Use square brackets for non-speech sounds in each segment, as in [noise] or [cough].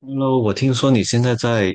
Hello，我听说你现在在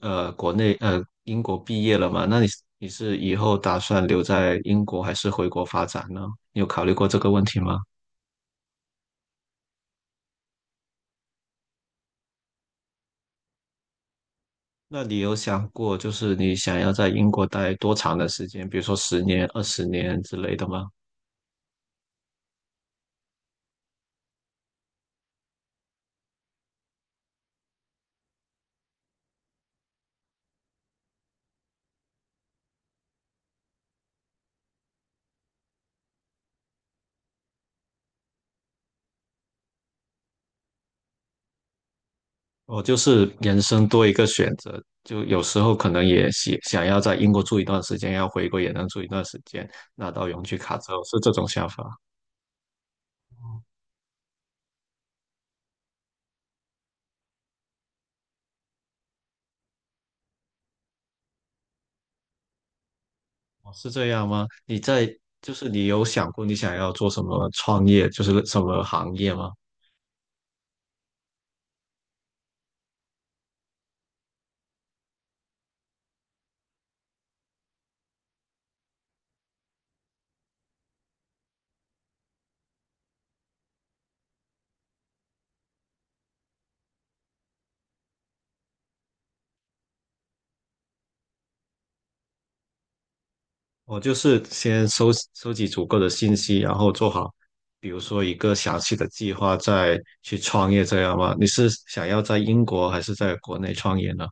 国内英国毕业了嘛？那你你以后打算留在英国还是回国发展呢？你有考虑过这个问题吗？那你有想过就是你想要在英国待多长的时间，比如说十年、二十年之类的吗？我就是人生多一个选择，就有时候可能也想要在英国住一段时间，要回国也能住一段时间，拿到永居卡之后是这种想法。哦，是这样吗？你在，就是你有想过你想要做什么创业，就是什么行业吗？我就是先收集足够的信息，然后做好，比如说一个详细的计划，再去创业这样吗？你是想要在英国还是在国内创业呢？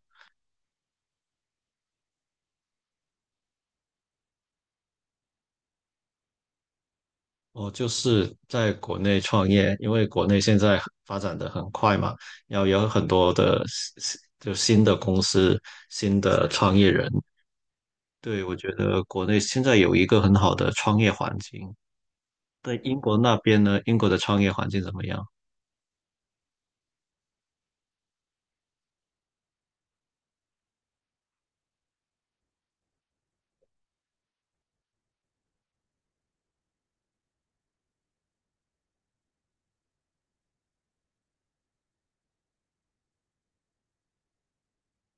我就是在国内创业，因为国内现在发展的很快嘛，然后有很多的新的公司、新的创业人。对，我觉得国内现在有一个很好的创业环境，但英国那边呢？英国的创业环境怎么样？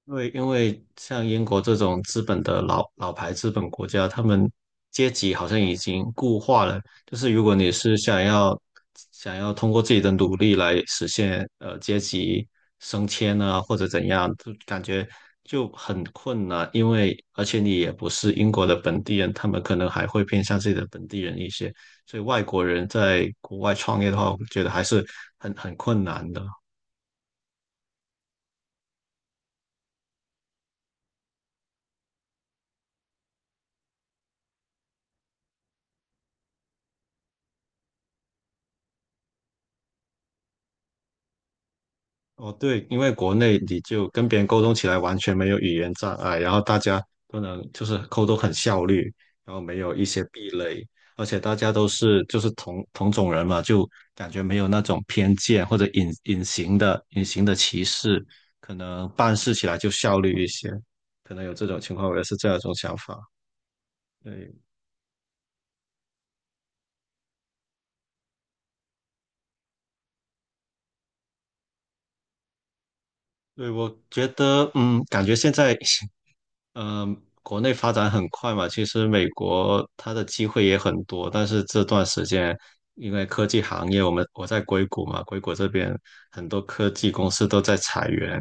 因为像英国这种资本的老牌资本国家，他们阶级好像已经固化了。就是如果你是想要通过自己的努力来实现阶级升迁啊，或者怎样，就感觉就很困难。因为而且你也不是英国的本地人，他们可能还会偏向自己的本地人一些。所以外国人在国外创业的话，我觉得还是很困难的。哦，对，因为国内你就跟别人沟通起来完全没有语言障碍，然后大家都能就是沟通很效率，然后没有一些壁垒，而且大家都是就是同种人嘛，就感觉没有那种偏见或者隐形的歧视，可能办事起来就效率一些，可能有这种情况，我也是这样一种想法。对，对，我觉得，嗯，感觉现在 [laughs] 嗯，国内发展很快嘛，其实美国它的机会也很多，但是这段时间因为科技行业，我在硅谷嘛，硅谷这边很多科技公司都在裁员，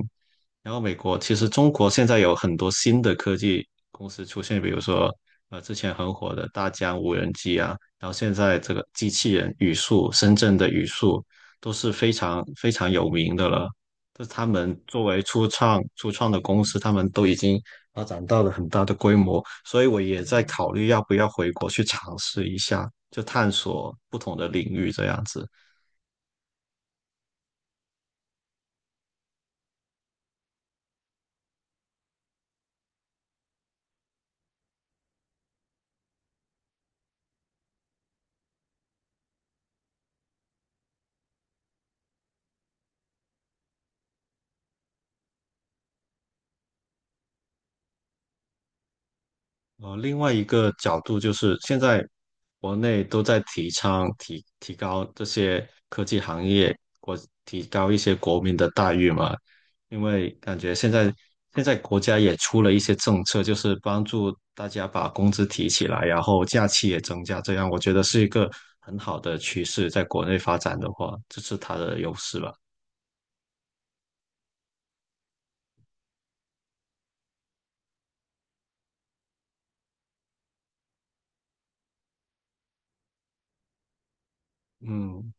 然后美国其实中国现在有很多新的科技公司出现，比如说之前很火的大疆无人机啊，然后现在这个机器人语速，深圳的语速都是非常非常有名的了。就是他们作为初创的公司，他们都已经发展到了很大的规模，所以我也在考虑要不要回国去尝试一下，就探索不同的领域这样子。另外一个角度就是，现在国内都在提倡提高这些科技行业，提高一些国民的待遇嘛。因为感觉现在国家也出了一些政策，就是帮助大家把工资提起来，然后假期也增加，这样我觉得是一个很好的趋势。在国内发展的话，这是它的优势吧。嗯，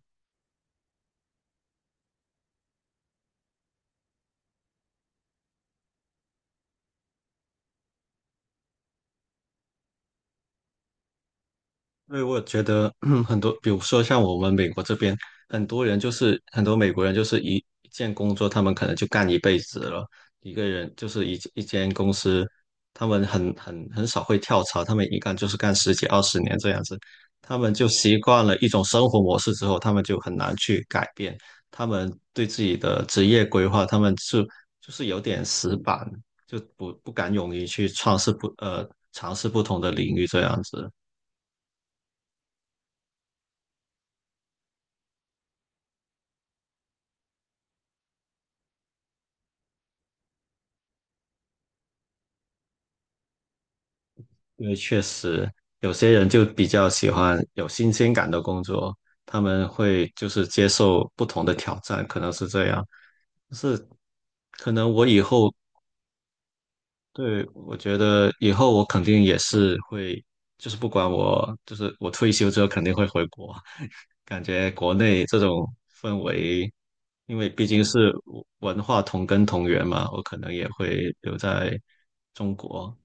因为我觉得 [clears throat] 很多，比如说像我们美国这边，很多美国人就是一件工作，他们可能就干一辈子了。一个人就是一间公司，他们很少会跳槽，他们一干就是干十几二十年这样子。他们就习惯了一种生活模式之后，他们就很难去改变。他们对自己的职业规划，他们是就是有点死板，就不敢勇于去尝试不呃尝试不同的领域这样子。因为确实有些人就比较喜欢有新鲜感的工作，他们会就是接受不同的挑战，可能是这样。但是可能我以后，对，我觉得以后我肯定也是会，就是不管我，就是我退休之后肯定会回国，[laughs] 感觉国内这种氛围，因为毕竟是文化同根同源嘛，我可能也会留在中国。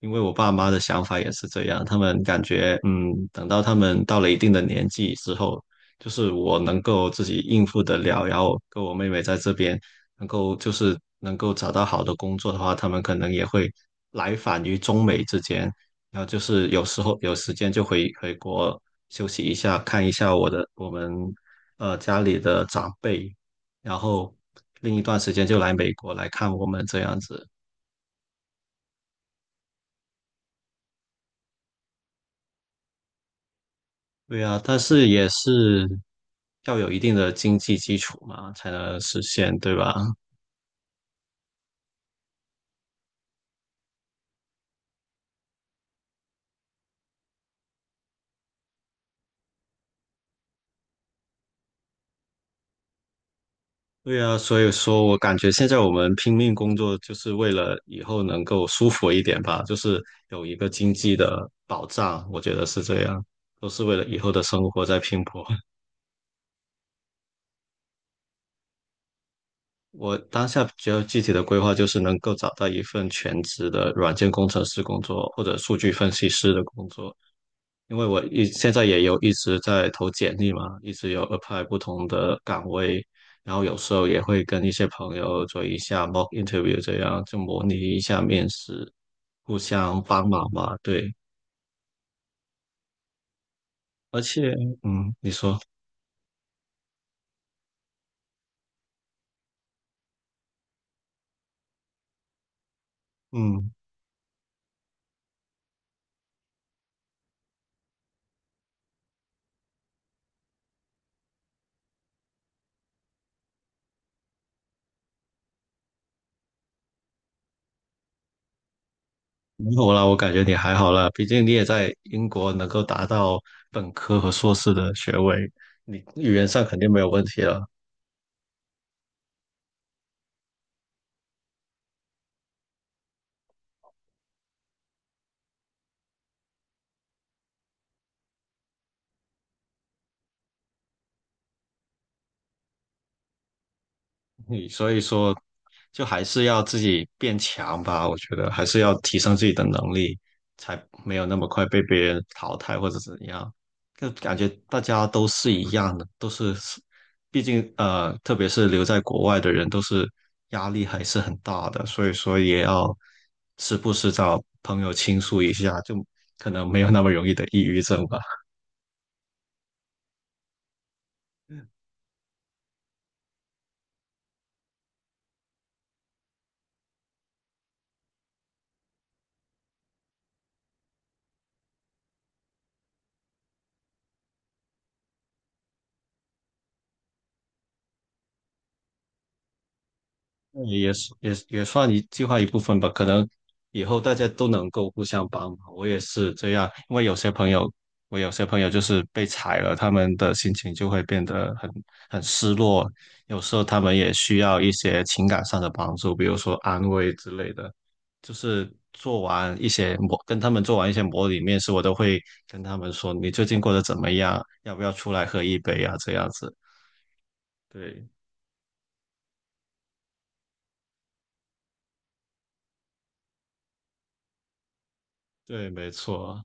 因为我爸妈的想法也是这样，他们感觉，嗯，等到他们到了一定的年纪之后，就是我能够自己应付得了，然后跟我妹妹在这边能够就是能够找到好的工作的话，他们可能也会来返于中美之间，然后就是有时候有时间就回国休息一下，看一下我们家里的长辈，然后另一段时间就来美国来看我们这样子。对啊，但是也是要有一定的经济基础嘛，才能实现，对吧？对啊，所以说我感觉现在我们拼命工作，就是为了以后能够舒服一点吧，就是有一个经济的保障，我觉得是这样，都是为了以后的生活在拼搏。[laughs] 我当下比较具体的规划就是能够找到一份全职的软件工程师工作，或者数据分析师的工作。因为现在也有一直在投简历嘛，一直有 apply 不同的岗位，然后有时候也会跟一些朋友做一下 mock interview，这样就模拟一下面试，互相帮忙嘛。对，而且，嗯，你说，嗯，没有啦，我感觉你还好啦，毕竟你也在英国能够达到本科和硕士的学位，你语言上肯定没有问题了。你所以说，就还是要自己变强吧。我觉得还是要提升自己的能力，才没有那么快被别人淘汰或者怎样。就感觉大家都是一样的，都是，毕竟，特别是留在国外的人，都是压力还是很大的，所以说也要时不时找朋友倾诉一下，就可能没有那么容易的抑郁症吧。嗯也是也是也算计划一部分吧。可能以后大家都能够互相帮忙。我也是这样，因为有些朋友，我有些朋友就是被踩了，他们的心情就会变得很失落。有时候他们也需要一些情感上的帮助，比如说安慰之类的。就是做完一些模，跟他们做完一些模拟面试，我都会跟他们说你最近过得怎么样，要不要出来喝一杯啊？这样子。对对，没错。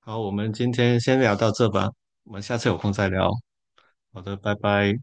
好，我们今天先聊到这吧，我们下次有空再聊。好的，拜拜。